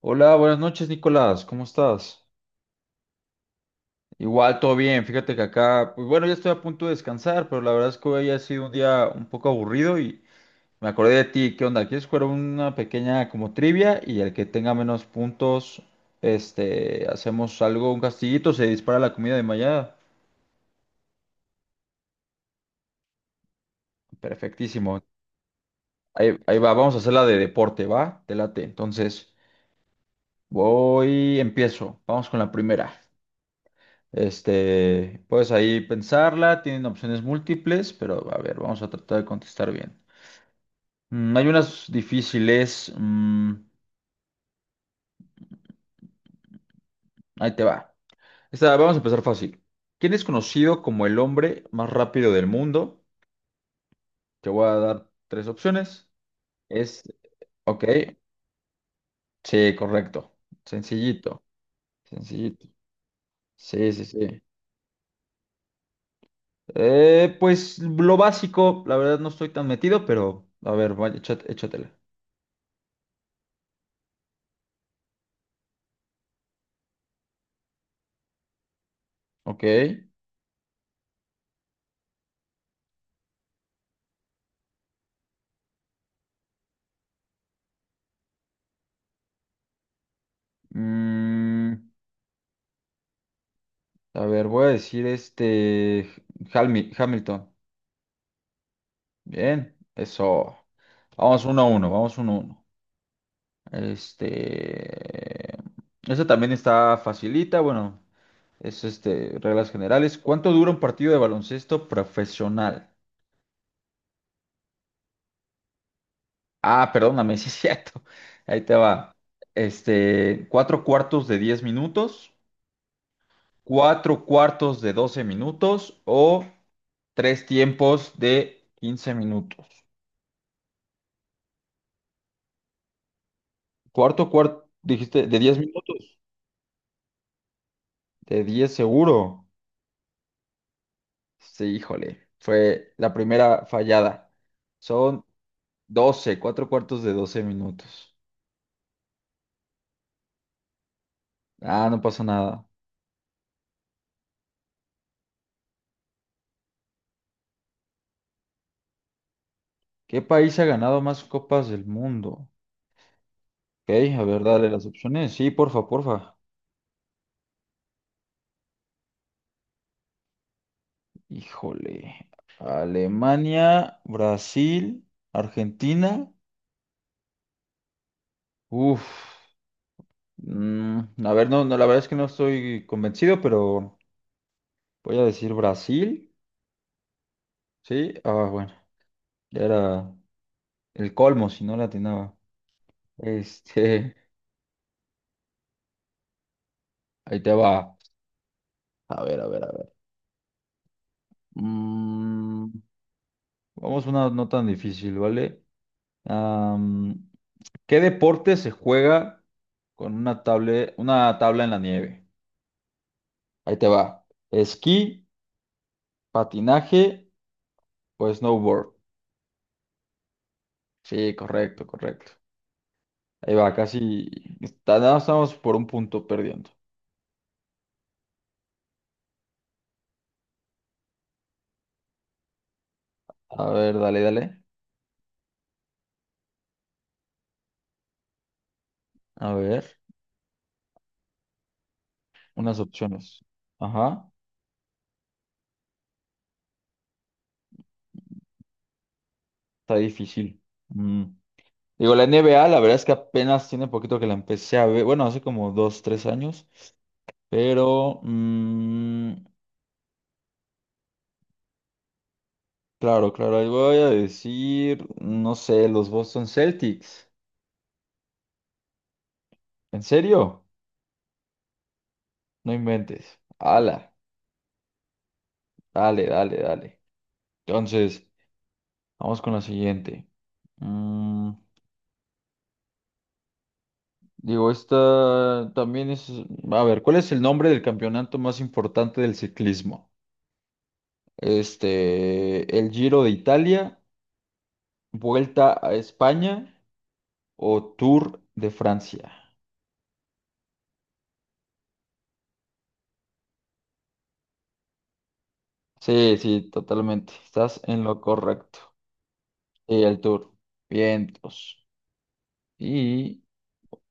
Hola, buenas noches, Nicolás. ¿Cómo estás? Igual, todo bien. Fíjate que acá, pues bueno, ya estoy a punto de descansar, pero la verdad es que hoy ha sido un día un poco aburrido y me acordé de ti. ¿Qué onda? ¿Quieres jugar una pequeña como trivia y el que tenga menos puntos, este, hacemos algo, un castillito, se dispara la comida de mañana? Perfectísimo. Ahí va, vamos a hacer la de deporte, ¿va? Te late. Entonces, voy, empiezo. Vamos con la primera. Este, puedes ahí pensarla, tienen opciones múltiples, pero a ver, vamos a tratar de contestar bien. Hay unas difíciles. Ahí te va. Esta, vamos a empezar fácil. ¿Quién es conocido como el hombre más rápido del mundo? Te voy a dar tres opciones. Es, ok, sí, correcto. Sencillito, sencillito. Sí, sí, sí. Pues lo básico, la verdad no estoy tan metido, pero a ver, vaya, échatela. Ok. Mm, A ver, voy a decir este Hamilton. Bien, eso. Vamos uno a uno, vamos uno a uno. Este. Esa también está facilita, bueno, es este, reglas generales. ¿Cuánto dura un partido de baloncesto profesional? Ah, perdóname, sí es cierto. Ahí te va. Este, cuatro cuartos de 10 minutos, cuatro cuartos de 12 minutos o tres tiempos de 15 minutos. Cuarto, cuarto, dijiste, de 10 minutos, de 10 seguro. Sí, híjole, fue la primera fallada. Son 12 cuatro cuartos de 12 minutos. Ah, no pasa nada. ¿Qué país ha ganado más copas del mundo? Ok, a ver, dale las opciones. Sí, porfa, porfa. Híjole. Alemania, Brasil, Argentina. Uf. mm, a ver, no, no, la verdad es que no estoy convencido, pero voy a decir Brasil. Sí, ah, bueno, ya era el colmo si no la atinaba. Este, ahí te va. A ver, a ver, a ver. Mm, Vamos a una no tan difícil, ¿vale? Am, ¿Qué deporte se juega con una tabla en la nieve? Ahí te va. ¿Esquí, patinaje o snowboard? Sí, correcto, correcto. Ahí va, casi nada más estamos por un punto perdiendo. A ver, dale, dale. A ver, unas opciones. Ajá. Está difícil. Mm. Digo, la NBA, la verdad es que apenas tiene poquito que la empecé a ver. Bueno, hace como dos, tres años. Pero, claro, claro, ahí voy a decir, no sé, los Boston Celtics. ¿En serio? No inventes. Ala, dale, dale, dale. Entonces, vamos con la siguiente. Mm, Digo, esta también es. A ver, ¿cuál es el nombre del campeonato más importante del ciclismo? Este, el Giro de Italia, Vuelta a España o Tour de Francia. Sí, sí, totalmente. Estás en lo correcto. Y el Tour. Vientos. Y,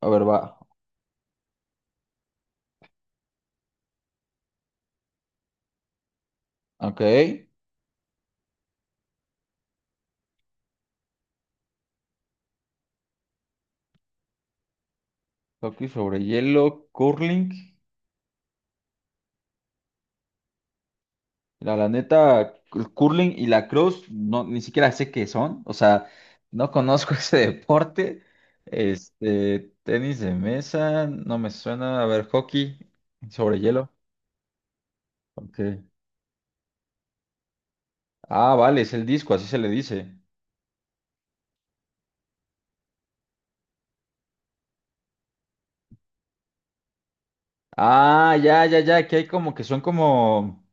a ver, va. Ok. Hockey sobre hielo, curling. La neta, el curling y la cross, no, ni siquiera sé qué son. O sea, no conozco ese deporte. Este, tenis de mesa, no me suena. A ver, hockey sobre hielo. Ok. Ah, vale, es el disco, así se le dice. Ah, ya, ya, ya, que hay como que son como...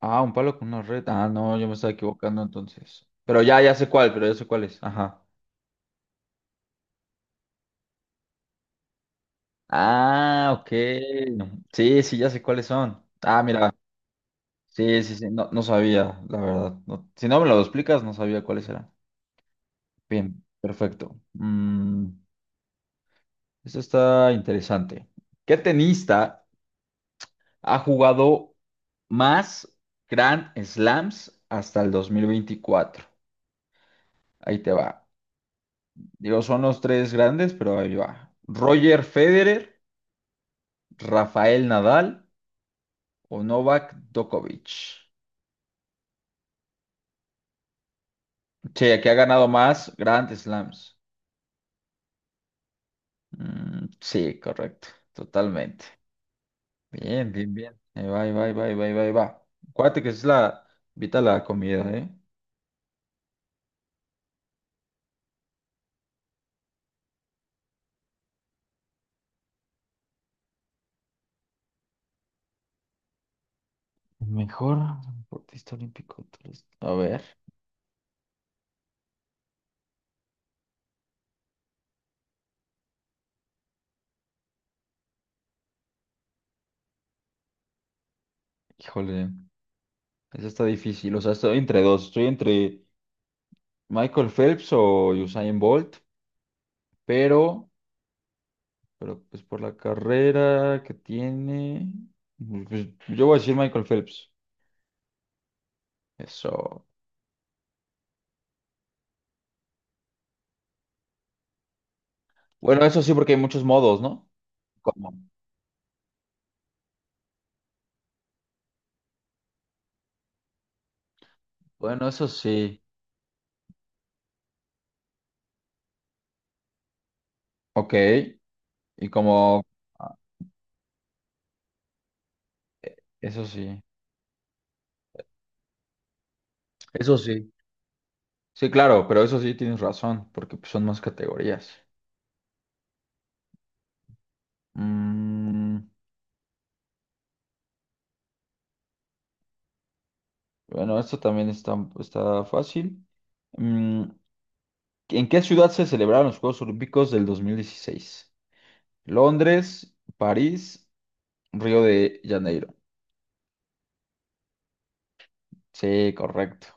Ah, un palo con una red. Ah, no, yo me estaba equivocando entonces. Pero ya, ya sé cuál, pero ya sé cuál es. Ajá. Ah, ok. Sí, sí, ya sé cuáles son. Ah, mira. Sí, sí, sí, no, no sabía, la verdad. Si no me lo explicas, no sabía cuáles eran. Bien, perfecto. Esto está interesante. ¿Qué tenista ha jugado más Grand Slams hasta el 2024? Ahí te va. Digo, son los tres grandes, pero ahí va. Roger Federer, Rafael Nadal o Novak Djokovic. Sí, aquí ha ganado más Grand Slams. Sí, correcto, totalmente. Bien, bien, bien. Ahí va, ahí va, ahí va, ahí va, ahí va. Ahí va. Acuérdate que es la... Invita la comida, ¿eh? Mejor deportista olímpico. Tú. A ver, híjole, eso está difícil. O sea, estoy entre dos. Estoy entre Michael Phelps o Usain Bolt, pero Pero pues por la carrera que tiene, pues, yo voy a decir Michael Phelps. Eso. Bueno, eso sí, porque hay muchos modos, ¿no? Como- Bueno, eso sí. Ok. Y como... ah, e- Eso sí. Eso sí. Sí, claro, pero eso sí tienes razón, porque pues, son más categorías. Mm, bueno, esto también está fácil. Mm, ¿En qué ciudad se celebraron los Juegos Olímpicos del 2016? ¿Londres, París, Río de Janeiro? Sí, correcto.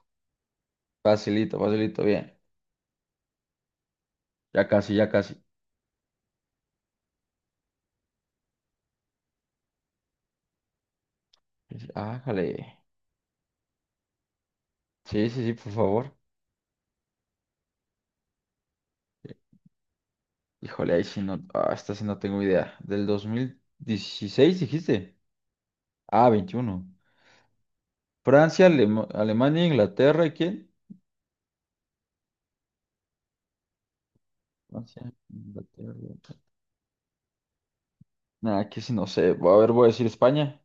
Facilito, facilito, bien. Ya casi, ya casi. Ájale. Sí, sí, sí, por favor. Híjole, ahí sí no. Ah, esta sí no tengo idea. Del 2016 dijiste. Ah, 21. Francia, Alemania, Inglaterra, ¿y quién? Francia, Inglaterra. Nah, aquí sí no sé. A ver, voy a decir España.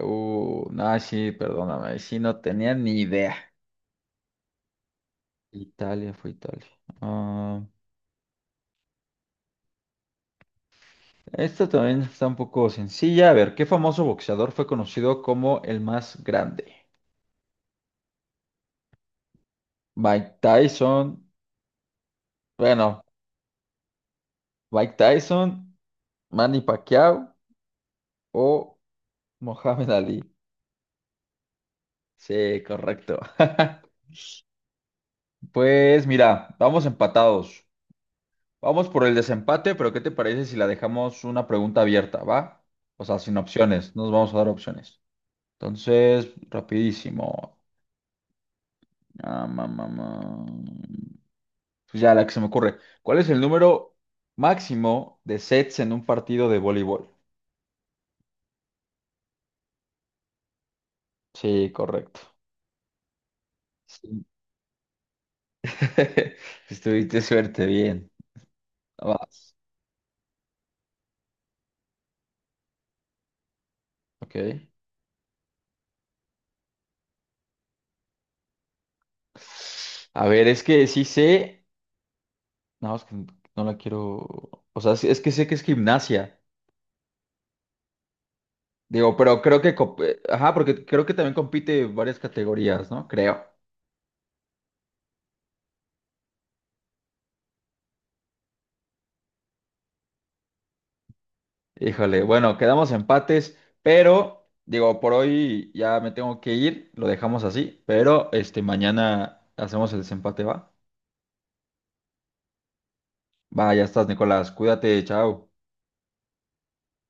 Nah, sí, perdóname. Ahí sí no tenía ni idea. Italia fue Italia. Ah, esta también está un poco sencilla. A ver, ¿qué famoso boxeador fue conocido como el más grande? Mike Tyson, bueno, Mike Tyson, Manny Pacquiao o Mohamed Ali. Sí, correcto. Pues mira, vamos empatados. Vamos por el desempate, pero ¿qué te parece si la dejamos una pregunta abierta, va? O sea, sin opciones, no nos vamos a dar opciones. Entonces, rapidísimo. Ah, ma, ma, ma. Pues ya la que se me ocurre. ¿Cuál es el número máximo de sets en un partido de voleibol? Sí, correcto. Sí. Estuviste suerte, bien. Vas. Ok. A ver, es que sí sé. No, es que no la quiero. O sea, es que sé que es gimnasia. Digo, pero creo que. Ajá, porque creo que también compite varias categorías, ¿no? Creo. Híjole, bueno, quedamos empates, pero digo, por hoy ya me tengo que ir, lo dejamos así, pero este mañana hacemos el desempate, ¿va? Va, ya estás, Nicolás, cuídate, chao.